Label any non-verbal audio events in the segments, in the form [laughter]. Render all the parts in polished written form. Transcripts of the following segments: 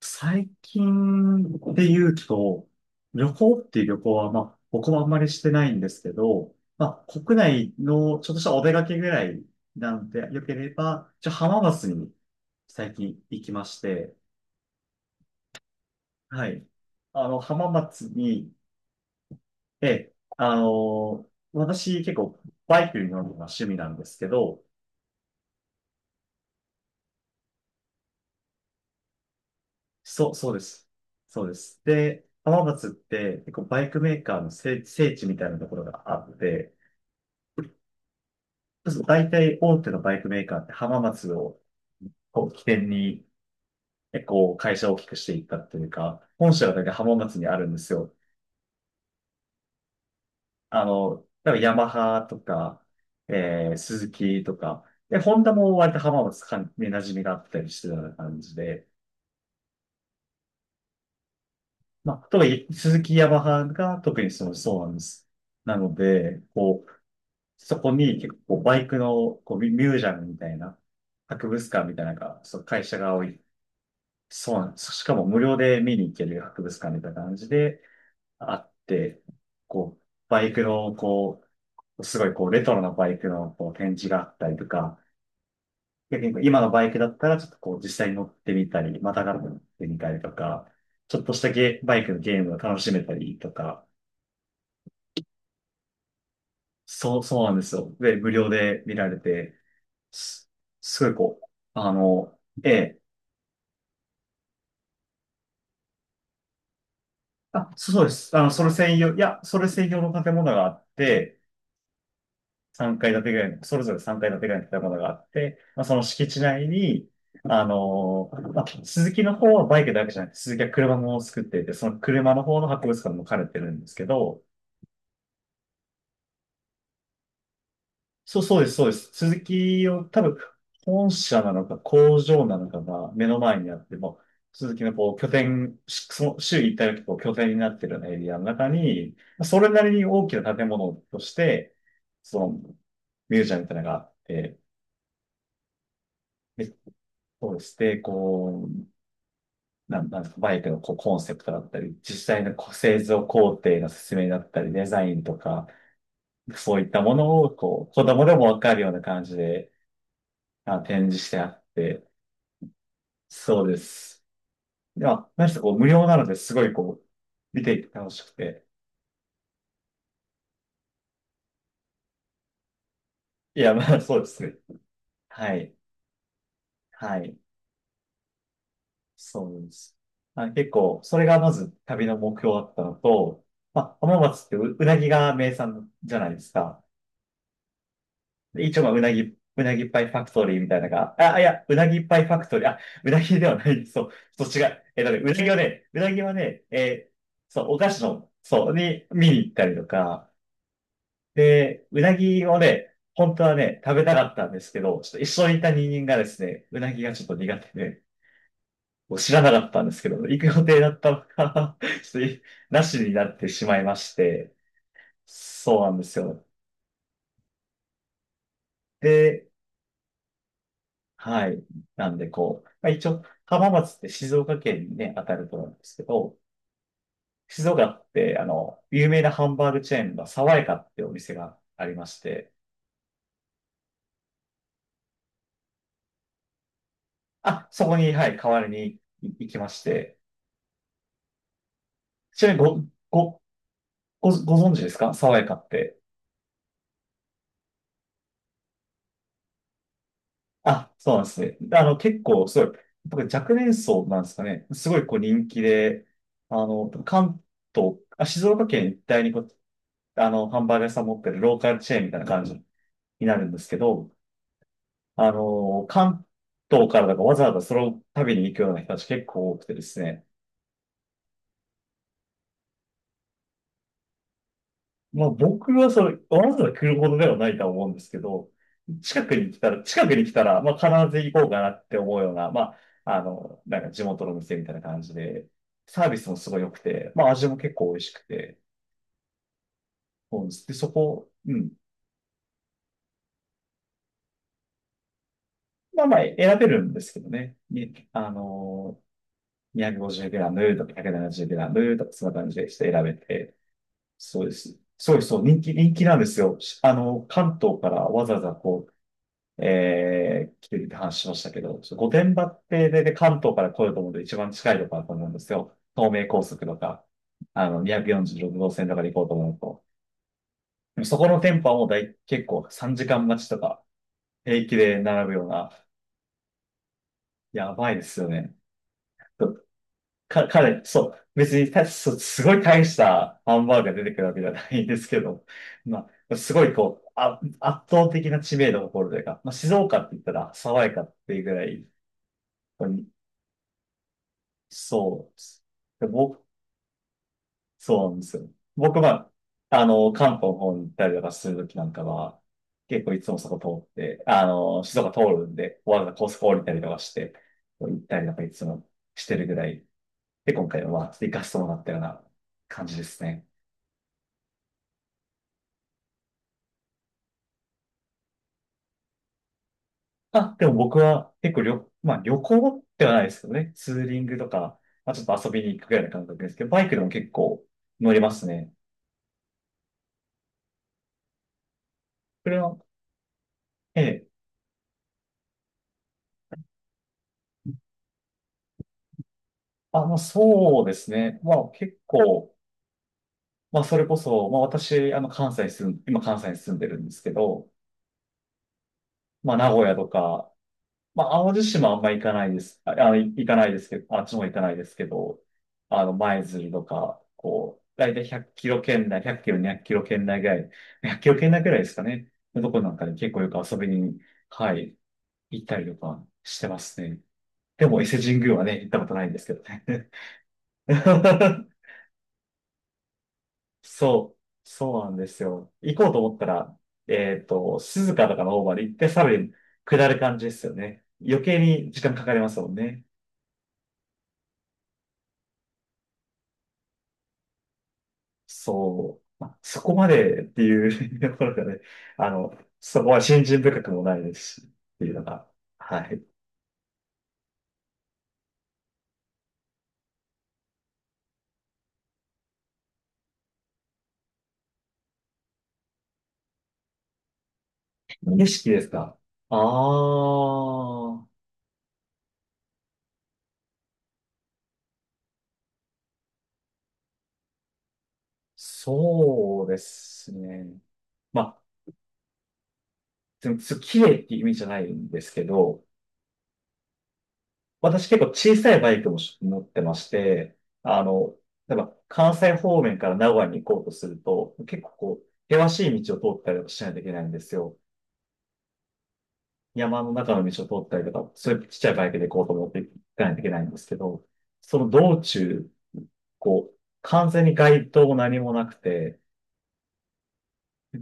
最近で言うと、旅行っていう旅行は、まあ、僕もあんまりしてないんですけど、まあ、国内のちょっとしたお出かけぐらい。なんて良ければ、浜松に最近行きまして、はい。浜松に、私結構バイクに乗るのが趣味なんですけど、そう、そうです。そうです。で、浜松って結構バイクメーカーの聖地みたいなところがあって、そう、大体大手のバイクメーカーって浜松をこう起点に、こう会社を大きくしていったっていうか、本社が大体浜松にあるんですよ。あの、だからヤマハとか、スズキとか、で、ホンダも割と浜松かんに馴染みがあったりしてたような感じで、まあ、特にスズキヤマハが特にそうなんです。なので、こう、そこに結構バイクのこうミュージアムみたいな、博物館みたいなのが、そう、会社が多い、そうなんです。しかも無料で見に行ける博物館みたいな感じであって、こう、バイクの、こう、すごいこう、レトロなバイクのこう展示があったりとか、逆にこう今のバイクだったら、ちょっとこう、実際に乗ってみたり、またがってみたりとか、ちょっとしたゲ、バイクのゲームを楽しめたりとか、そう、そうなんですよ。で、無料で見られて、す、すごいこう、あの、ええ、そうそうです。それ専用の建物があって、3階建てぐらいの、それぞれ3階建てぐらいの建物があって、まあ、その敷地内に、まあ、鈴木の方はバイクだけじゃなくて、鈴木は車も作っていて、その車の方の博物館も兼ねてるんですけど、そう、そうです、そうです。鈴木を多分、本社なのか工場なのかが目の前にあって、もう鈴木のこう拠点、その週一回のこう拠点になってるようなエリアの中に、それなりに大きな建物として、そのミュージアムみたいなのがあって、めっそうして、こう、なんですか、バイクのこうコンセプトだったり、実際のこう製造工程の説明だったり、デザインとか、そういったものを、こう、子供でもわかるような感じで、展示してあって、そうです。では、何しろこう、無料なので、すごいこう、見ていて楽しくて。いや、まあ、そうですね。はい。はい。そうです。まあ、結構、それがまず旅の目標だったのと、まあ、浜松ってうなぎが名産じゃないですか。で一応、まあ、うなぎパイファクトリーみたいなのが、いや、うなぎパイファクトリー、うなぎではない、[laughs] そう、そう違う。うなぎはね、そう、お菓子の、そう、に見に行ったりとか、で、うなぎをね、本当はね、食べたかったんですけど、ちょっと一緒にいた人間がですね、うなぎがちょっと苦手で、もう知らなかったんですけど、行く予定だったのが、 [laughs] ちょっとなしになってしまいまして、そうなんですよ。で、はい。なんで、こう、まあ、一応、浜松って静岡県にね、当たると思うんですけど、静岡って、有名なハンバーグチェーンの爽やかってお店がありまして、あ、そこに、はい、代わりに行きまして、ちなみにご、ご、ご存知ですか、爽やかって。あ、そうなんですね。で、結構、すごい、僕若年層なんですかね。すごい、こう、人気で、関東、あ、静岡県一帯にこう、ハンバーグ屋さん持ってるローカルチェーンみたいな感じになるんですけど、関東からだからわざわざその旅に行くような人たち結構多くてですね。まあ僕はそれ、わざわざ来るほどではないとは思うんですけど、近くに来たら、近くに来たら、まあ必ず行こうかなって思うような、まあ、なんか地元の店みたいな感じで、サービスもすごい良くて、まあ味も結構美味しくて、そうです。で、うん、まあまあ選べるんですけどね。にあの、2 5 0ムとか1 7 0ムとかそんな感じでして選べて、そうです。そうです、そう、人気、人気なんですよ。しあの、関東からわざわざこう、来てるって話しましたけど、御殿場って、で、関東から来ようと思うと一番近いところだと思うんですよ。東名高速とか、246号線とかで行こうと思うと。でもそこの店舗はもう結構3時間待ちとか、平気で並ぶような、やばいですよね。かなり、そう、別にすごい大したハンバーグが出てくるわけじゃないんですけど、まあ、すごいこう、圧倒的な知名度を誇るというか、まあ、静岡って言ったら爽やかっていうぐらい、こう、そうです。で、そうなんですよ。僕は、関東の方に行ったりとかするときなんかは、結構いつもそこ通って、静岡通るんで、わざわざ高速降りたりとかして、こう行ったりとかいつもしてるぐらい、で、今回は、まあ行かせてもらったような感じですね。あ、でも僕は結構まあ旅行ではないですけどね。ツーリングとか、まあちょっと遊びに行くぐらいの感覚ですけど、バイクでも結構乗りますね。これは、ええ、あ、まあそうですね。まあ結構、まあそれこそ、まあ私、あの関西に住ん、今関西に住んでるんですけど、まあ名古屋とか、まあ、淡路島はあんま行かないです。行かないですけど、あっちも行かないですけど、舞鶴とか、こう、だいたい100キロ圏内、100キロ、200キロ圏内ぐらい、100キロ圏内ぐらいですかね、のとこなんかで結構よく遊びに、はい、行ったりとかしてますね。でも伊勢神宮はね、行ったことないんですけどね。[laughs] そう、そうなんですよ。行こうと思ったら、静かとかの方まで行って、さらに下る感じですよね。余計に時間かかりますもんね。そう、まあ、そこまでっていう、 [laughs] ところがね、あの、そこは信心深くもないですし、っていうのが、はい。景色ですか。ああー、そうですね。まあ、でも綺麗っていう意味じゃないんですけど、私結構小さいバイクも持ってまして、あの、例えば関西方面から名古屋に行こうとすると、結構こう、険しい道を通ったりとかしないといけないんですよ。山の中の道を通ったりとか、そういうちっちゃいバイクで行こうと思って行かないといけないんですけど、その道中、完全に街灯も何もなくて、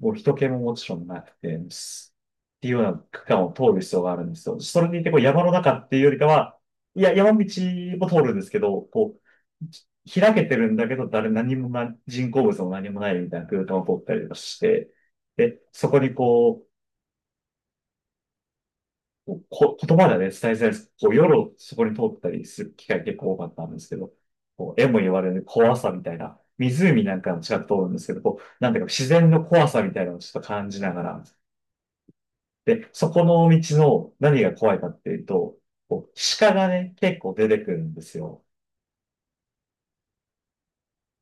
もう人気ももちろんなくて、すっていうような区間を通る必要があるんですよ。それにいて、こう山の中っていうよりかは、いや、山道も通るんですけど、開けてるんだけど、誰、何もな、人工物も何もないみたいな空間を通ったりとかして、で、そこに言葉ではね、伝えづらいです。こう、夜をそこに通ったりする機会結構多かったんですけど、こう、絵も言われる怖さみたいな、湖なんかの近く通るんですけど、こう、なんていうか自然の怖さみたいなのをちょっと感じながら、で、そこの道の何が怖いかっていうと、こう、鹿がね、結構出てくるんですよ。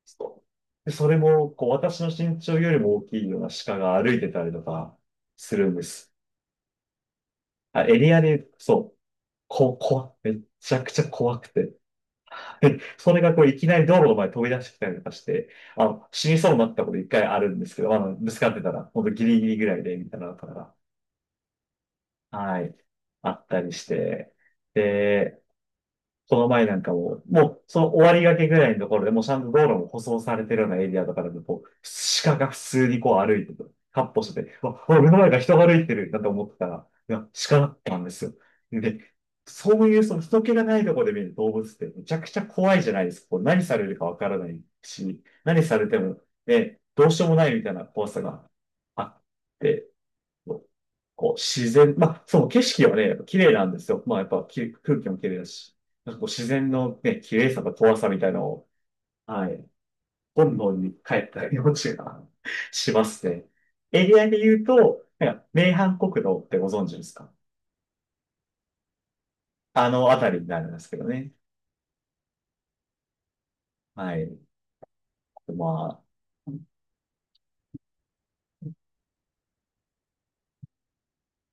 そうで、それも、こう、私の身長よりも大きいような鹿が歩いてたりとかするんです。あ、エリアで、そう、めちゃくちゃ怖くて。[laughs] それがこういきなり道路の前に飛び出してきたりとかして、死にそうになったこと一回あるんですけど、まあの、ぶつかってたら、ほんとギリギリぐらいで、みたいなのとかが、はい、あったりして。で、この前なんかも、もう、その終わりがけぐらいのところでもうちゃんと道路も舗装されてるようなエリアとかでも、こう、鹿が普通にこう歩いてとカッ歩してて、目の前が人が歩いてるなんて思ってたら、いや、鹿だったんですよ。で、そういうその人気がないところで見る動物ってめちゃくちゃ怖いじゃないですか。こう何されるかわからないし、何されても、ね、どうしようもないみたいな怖さがあって、まあ、その景色はね、やっぱ綺麗なんですよ。まあ、やっぱき空気も綺麗だし、なんかこう、自然のね、綺麗さと怖さみたいなのを、はい、本能に帰ったようちが [laughs] しますね。エリアで言うと、なんか、名阪国道ってご存知ですか？あのあたりになるんですけどね。はい。まあ、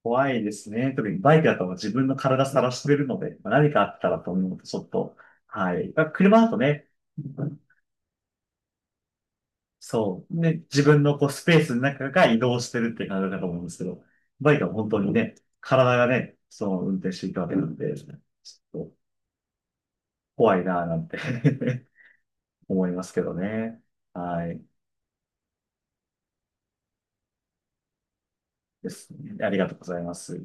怖いですね。特にバイクだと自分の体さらしてるので、まあ何かあったらと思うと、ちょっと、はい。まあ車だとね、そう。で、自分のこうスペースの中が移動してるって感じだと思うんですけど、バイクは本当にね、体がね、その運転していくわけなんで、ちょっと怖いなぁなんて [laughs] 思いますけどね。はい。ですね。ありがとうございます。